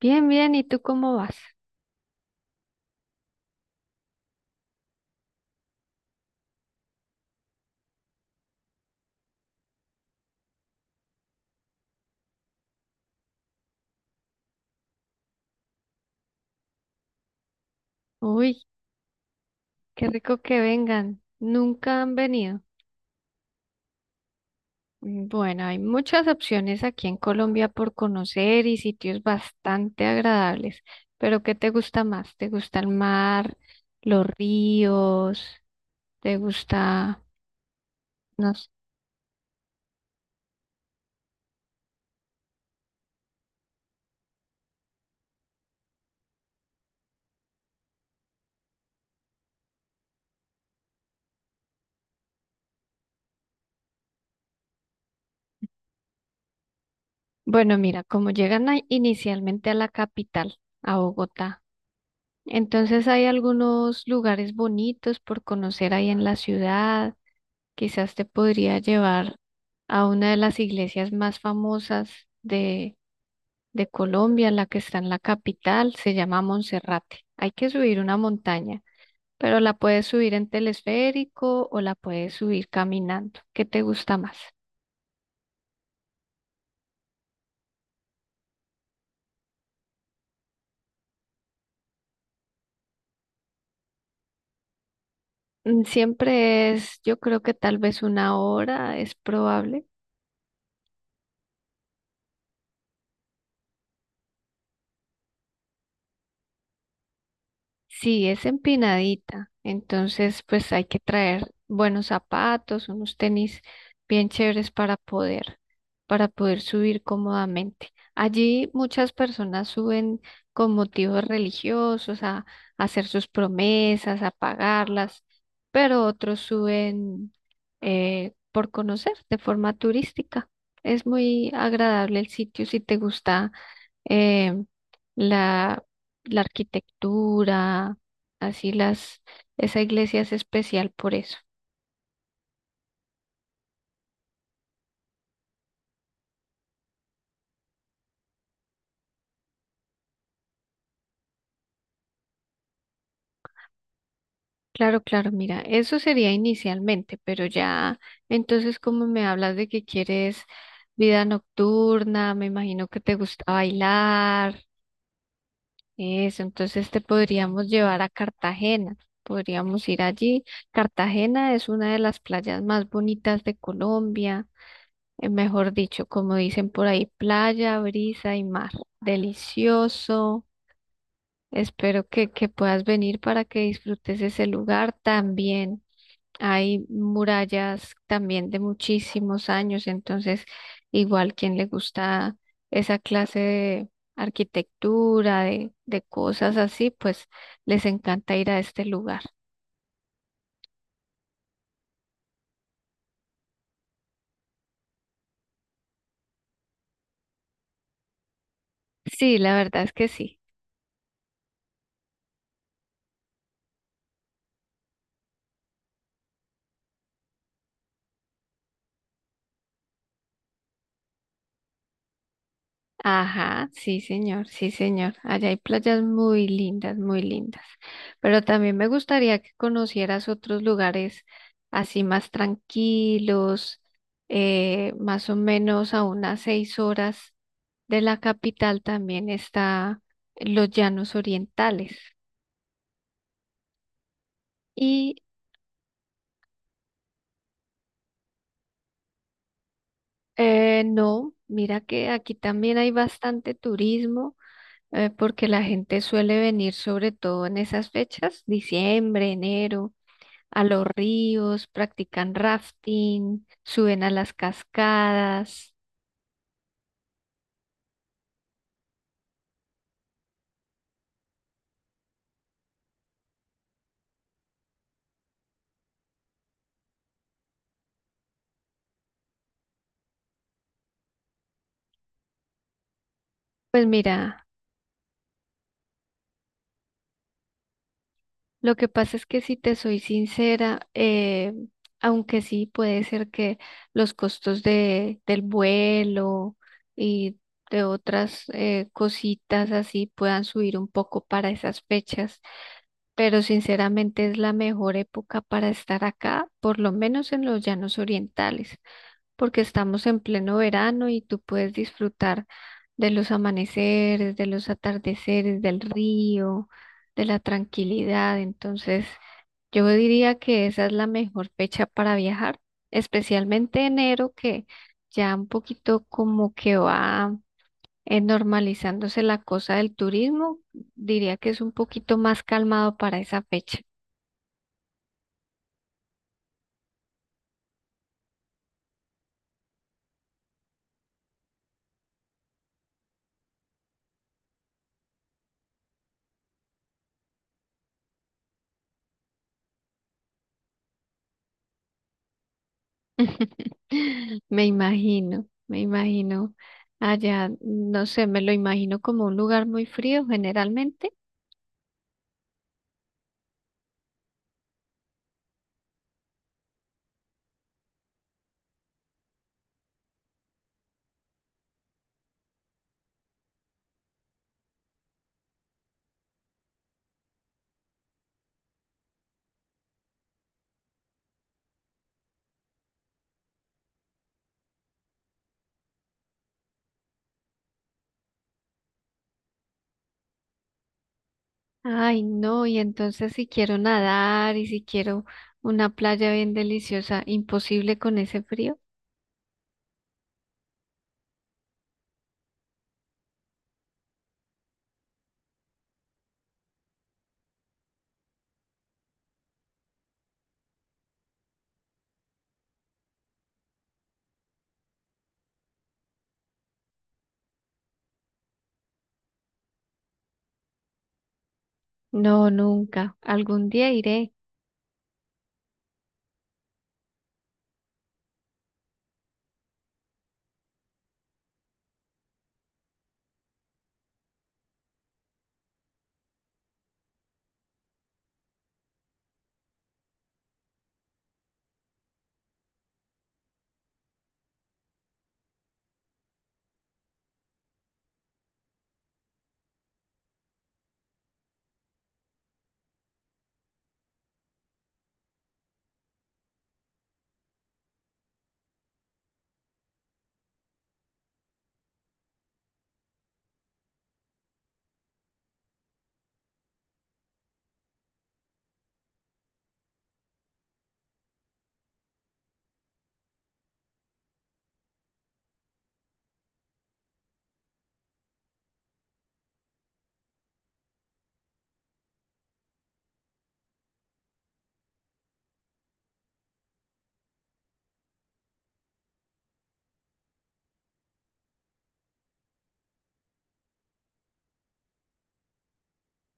Bien, bien, ¿y tú cómo vas? Uy, qué rico que vengan. Nunca han venido. Bueno, hay muchas opciones aquí en Colombia por conocer y sitios bastante agradables. Pero ¿qué te gusta más? ¿Te gusta el mar, los ríos? ¿Te gusta, no sé? Bueno, mira, como inicialmente a la capital, a Bogotá, entonces hay algunos lugares bonitos por conocer ahí en la ciudad. Quizás te podría llevar a una de las iglesias más famosas de, de Colombia, la que está en la capital, se llama Monserrate. Hay que subir una montaña, pero la puedes subir en telesférico o la puedes subir caminando. ¿Qué te gusta más? Siempre es, yo creo que tal vez una hora es probable. Sí, es empinadita, entonces pues hay que traer buenos zapatos, unos tenis bien chéveres para poder subir cómodamente. Allí muchas personas suben con motivos religiosos a hacer sus promesas, a pagarlas, pero otros suben por conocer de forma turística. Es muy agradable el sitio si te gusta eh, la, la arquitectura, así las, esa iglesia es especial por eso. Claro, claro, mira, eso sería inicialmente, pero ya, entonces como me hablas de que quieres vida nocturna, me imagino que te gusta bailar, eso, entonces te podríamos llevar a Cartagena, podríamos ir allí. Cartagena es una de las playas más bonitas de Colombia. Mejor dicho, como dicen por ahí, playa, brisa y mar. Delicioso. Espero que puedas venir para que disfrutes ese lugar también. Hay murallas también de muchísimos años, entonces igual quien le gusta esa clase de arquitectura, de cosas así, pues les encanta ir a este lugar. Sí, la verdad es que sí. Ajá, sí, señor, sí, señor. Allá hay playas muy lindas, muy lindas. Pero también me gustaría que conocieras otros lugares así más tranquilos, más o menos a unas 6 horas de la capital también está los Llanos Orientales. Y no, mira que aquí también hay bastante turismo, porque la gente suele venir sobre todo en esas fechas, diciembre, enero a los ríos, practican rafting, suben a las cascadas. Pues mira, lo que pasa es que si te soy sincera, aunque sí puede ser que los costos del vuelo y de otras cositas así puedan subir un poco para esas fechas, pero sinceramente es la mejor época para estar acá, por lo menos en los Llanos Orientales. Porque estamos en pleno verano y tú puedes disfrutar de los amaneceres, de los atardeceres, del río, de la tranquilidad. Entonces, yo diría que esa es la mejor fecha para viajar, especialmente enero, que ya un poquito como que va normalizándose la cosa del turismo. Diría que es un poquito más calmado para esa fecha. Me imagino allá, no sé, me lo imagino como un lugar muy frío generalmente. Ay, no, y entonces si quiero nadar y si quiero una playa bien deliciosa, imposible con ese frío. No, nunca. Algún día iré.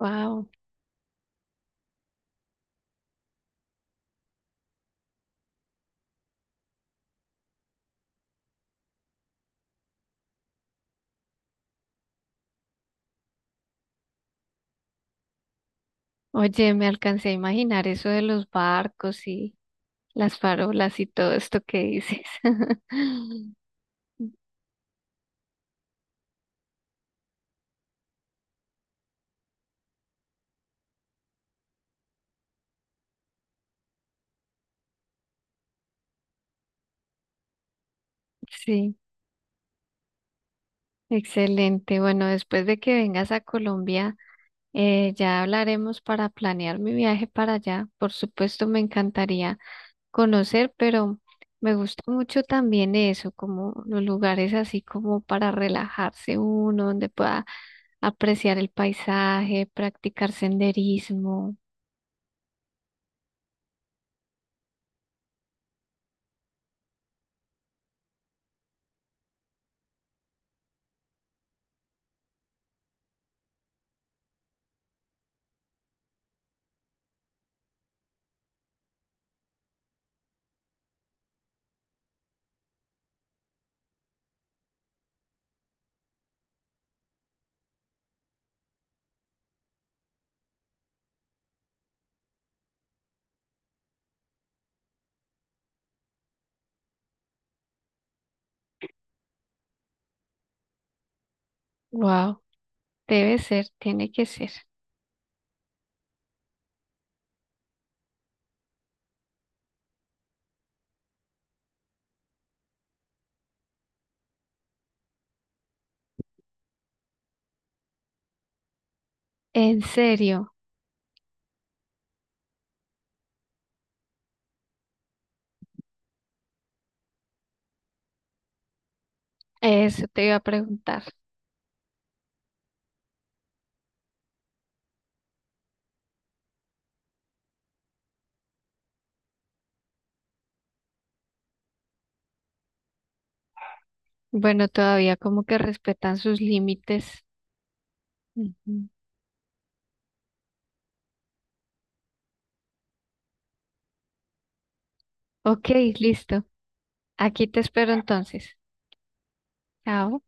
Wow. Oye, me alcancé a imaginar eso de los barcos y las farolas y todo esto que dices. Sí, excelente. Bueno, después de que vengas a Colombia, ya hablaremos para planear mi viaje para allá. Por supuesto, me encantaría conocer, pero me gusta mucho también eso, como los lugares así como para relajarse uno, donde pueda apreciar el paisaje, practicar senderismo. Wow, debe ser, tiene que ser. En serio, eso te iba a preguntar. Bueno, todavía como que respetan sus límites. Ujú. Ok, listo. Aquí te espero entonces. Chao.